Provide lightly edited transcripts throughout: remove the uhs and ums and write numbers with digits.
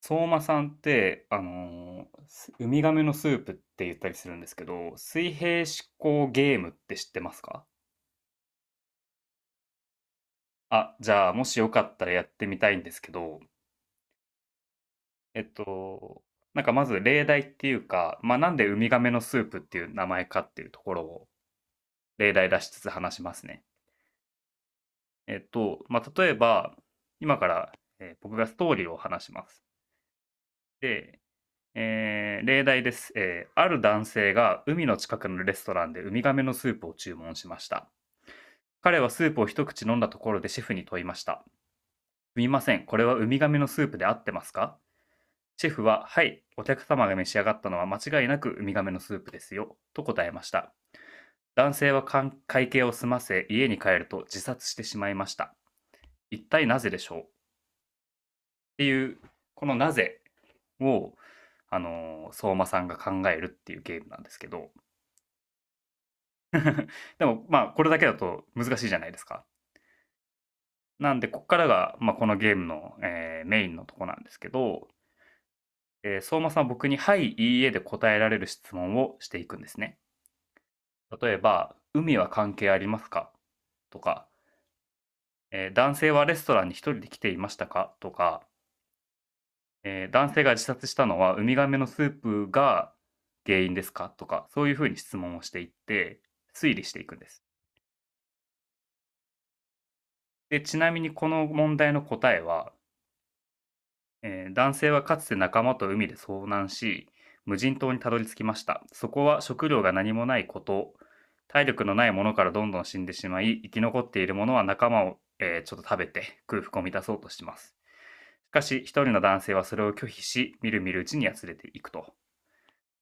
相馬さんって、あのーすウミガメのスープって言ったりするんですけど、水平思考ゲームって知ってますか？あ、じゃあ、もしよかったらやってみたいんですけど、えっと、なんかまず例題っていうか、まあ、なんでウミガメのスープっていう名前かっていうところを例題出しつつ話しますね。まあ、例えば、今から、僕がストーリーを話します。で、例題です。ある男性が海の近くのレストランでウミガメのスープを注文しました。彼はスープを一口飲んだところでシェフに問いました。「すみません、これはウミガメのスープで合ってますか？」シェフは「はい、お客様が召し上がったのは間違いなくウミガメのスープですよ」と答えました。男性は会計を済ませ家に帰ると自殺してしまいました。一体なぜでしょう、っていう、このなぜを、相馬さんが考えるっていうゲームなんですけど。でもまあこれだけだと難しいじゃないですか。なんでここからが、まあ、このゲームの、メインのとこなんですけど、相馬さんは僕に「はい」「いいえ」で答えられる質問をしていくんですね。例えば「海は関係ありますか？」とか、男性はレストランに一人で来ていましたか？」とか、男性が自殺したのはウミガメのスープが原因ですか？」とか、そういうふうに質問をしていって推理していくんです。で、ちなみにこの問題の答えは、男性はかつて仲間と海で遭難し、無人島にたどり着きました。そこは食料が何もないこと、体力のないものからどんどん死んでしまい、生き残っているものは仲間を、ちょっと食べて空腹を満たそうとします。しかし、一人の男性はそれを拒否し、みるみるうちにやつれていくと。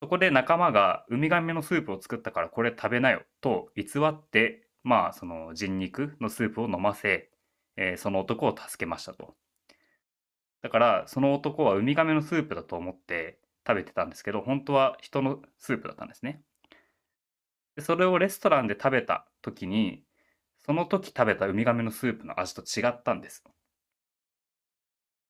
そこで仲間がウミガメのスープを作ったからこれ食べなよと偽って、まあ、その人肉のスープを飲ませ、その男を助けましたと。だから、その男はウミガメのスープだと思って食べてたんですけど、本当は人のスープだったんですね。でそれをレストランで食べた時に、その時食べたウミガメのスープの味と違ったんです。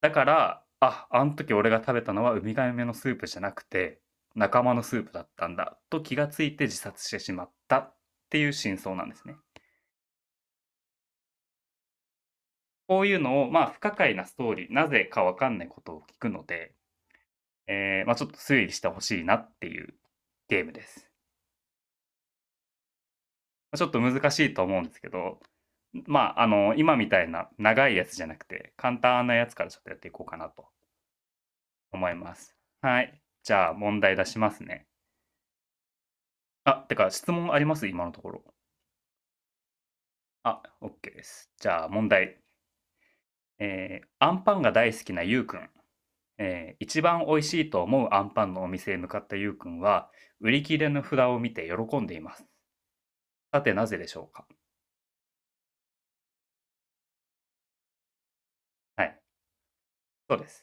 だから、あ、あの時俺が食べたのはウミガメのスープじゃなくて、仲間のスープだったんだと気がついて自殺してしまったっていう真相なんですね。こういうのを、まあ、不可解なストーリー、なぜかわかんないことを聞くので、まあ、ちょっと推理してほしいなっていうゲームです。まちょっと難しいと思うんですけど、まあ、今みたいな長いやつじゃなくて、簡単なやつからちょっとやっていこうかなと思います。はい。じゃあ問題出しますね。あ、てか質問あります？今のところ。あ、OK です。じゃあ問題。えーアンパンが大好きなゆうくん。え一番美味しいと思うアンパンのお店へ向かったゆうくんは、売り切れの札を見て喜んでいます。さて、なぜでしょうか？はい、そうです。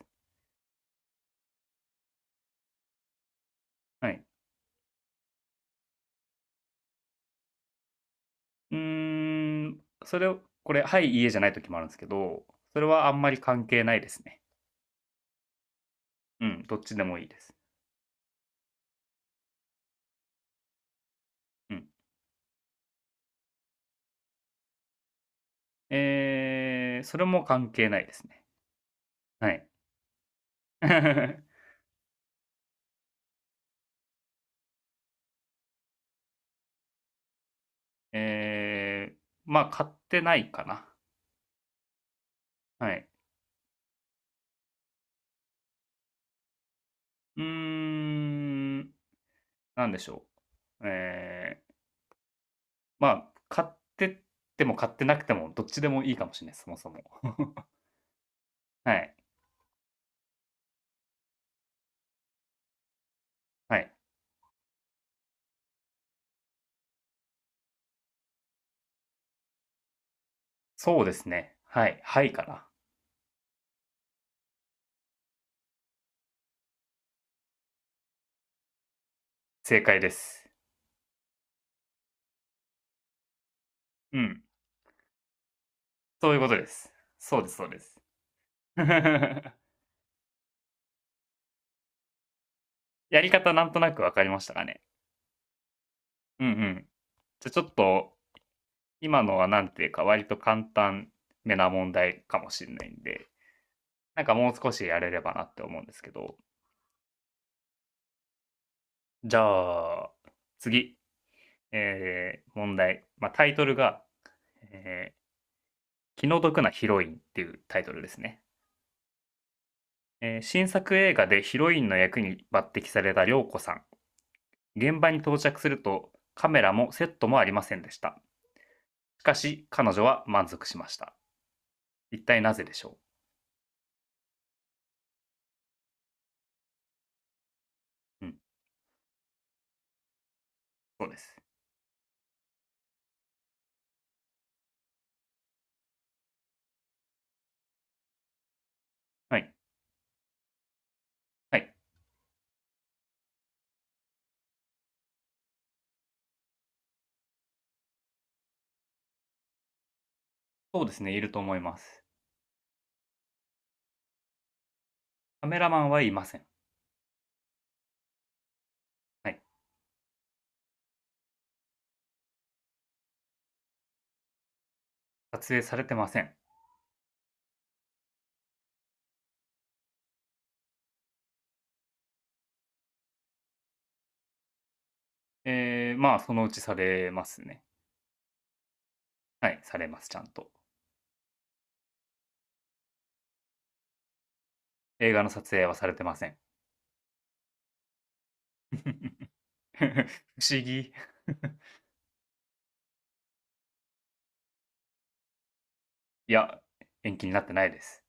はい。うーん、それを、これ、はい、いえじゃない時もあるんですけど、それはあんまり関係ないですね。うん、どっちでもいいです。うん。それも関係ないですね。はい。ええ、まあ、買ってないかな。はい。うーん、なんでしょう。ええ、まあ、買ってっても買ってなくても、どっちでもいいかもしれない、そもそも。はい、はい。そうですね。はい、はいかな。正解です。うん。そういうことです。そうです、そうです。やり方なんとなくわかりましたかね。うん、うん。じゃあちょっと、今のはなんていうか、割と簡単めな問題かもしれないんで、なんかもう少しやれればなって思うんですけど、じゃあ、次、問題。まあ、タイトルが、えー気の毒なヒロインっていうタイトルですね。新作映画でヒロインの役に抜擢された涼子さん。現場に到着すると、カメラもセットもありませんでした。しかし、彼女は満足しました。一体なぜでしょう？うん、そうです。はい。はい。そうですね、いると思います。カメラマンはいません。はい。撮影されてません。まあ、そのうちされますね。はい、されます、ちゃんと。映画の撮影はされてません。不思議。いや、延期になってないです。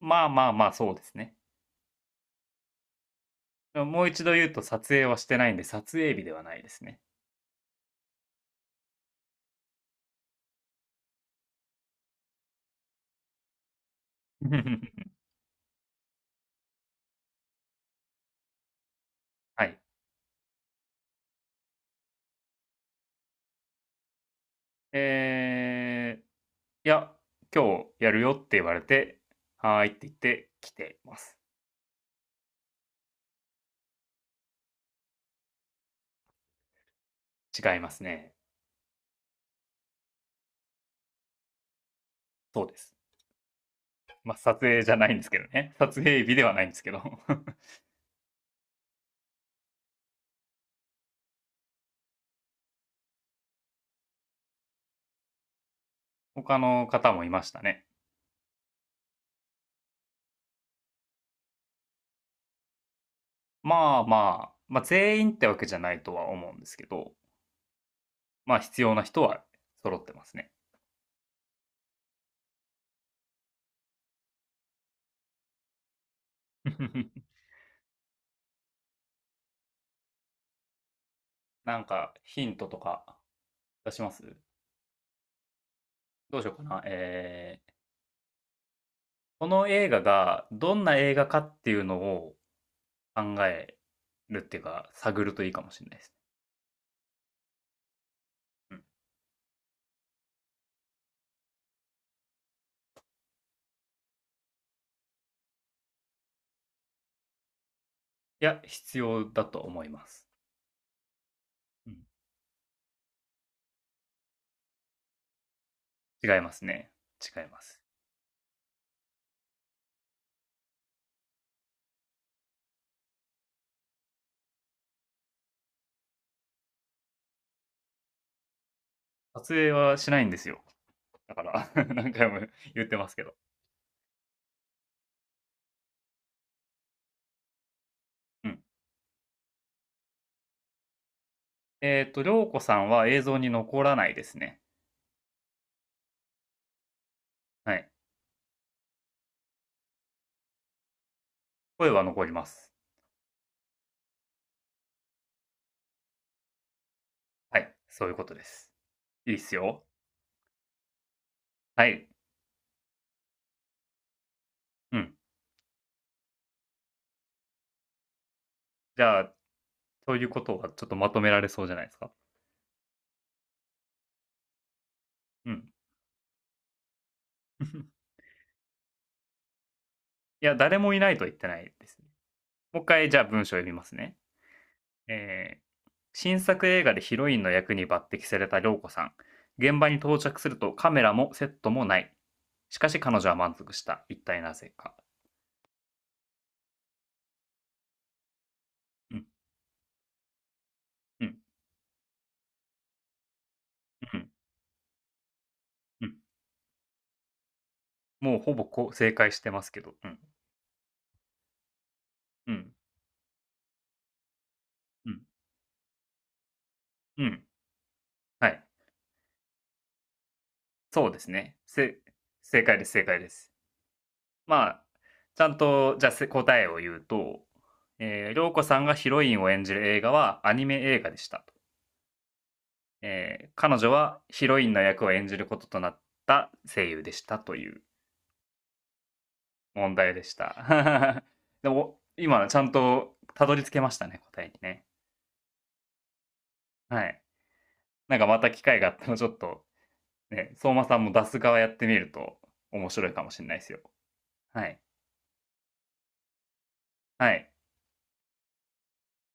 まあまあまあ、そうですね。もう一度言うと、撮影はしてないんで、撮影日ではないですね。はい。えいや、今日やるよって言われて、はーいって言って来ています。違いますね。そうです。まあ、撮影じゃないんですけどね。撮影日ではないんですけど。他の方もいましたね。まあまあ、まあ全員ってわけじゃないとは思うんですけど、まあ必要な人は揃ってますね。なんかヒントとか出します？どうしようかな。この映画がどんな映画かっていうのを考えるっていうか、探るといいかもしれないですね。うん。いや、必要だと思います。うん、違いますね。違います。撮影はしないんですよ。だから 何回も言ってますけど。うん。りょうこさんは映像に残らないですね。はい。声は残ります。はい。そういうことです。いいっすよ。はい。うん。じゃあ、そういうことはちょっとまとめられそうじゃないですか。うん。いや、誰もいないとは言ってないですね。もう一回、じゃあ文章を読みますね。えー新作映画でヒロインの役に抜擢された涼子さん。現場に到着するとカメラもセットもない。しかし彼女は満足した。一体なぜか。うん、うん、うん、うん。もうほぼこう正解してますけど。うん、うん、うん、うん。はい。そうですね。正解です、正解です。まあ、ちゃんと、じゃあ答えを言うと、涼子さんがヒロインを演じる映画はアニメ映画でしたと。彼女はヒロインの役を演じることとなった声優でしたという問題でした。 でも今ちゃんとたどり着けましたね、答えにね。はい。なんかまた機会があったらちょっと、ね、相馬さんも出す側やってみると面白いかもしれないですよ。はい。はい。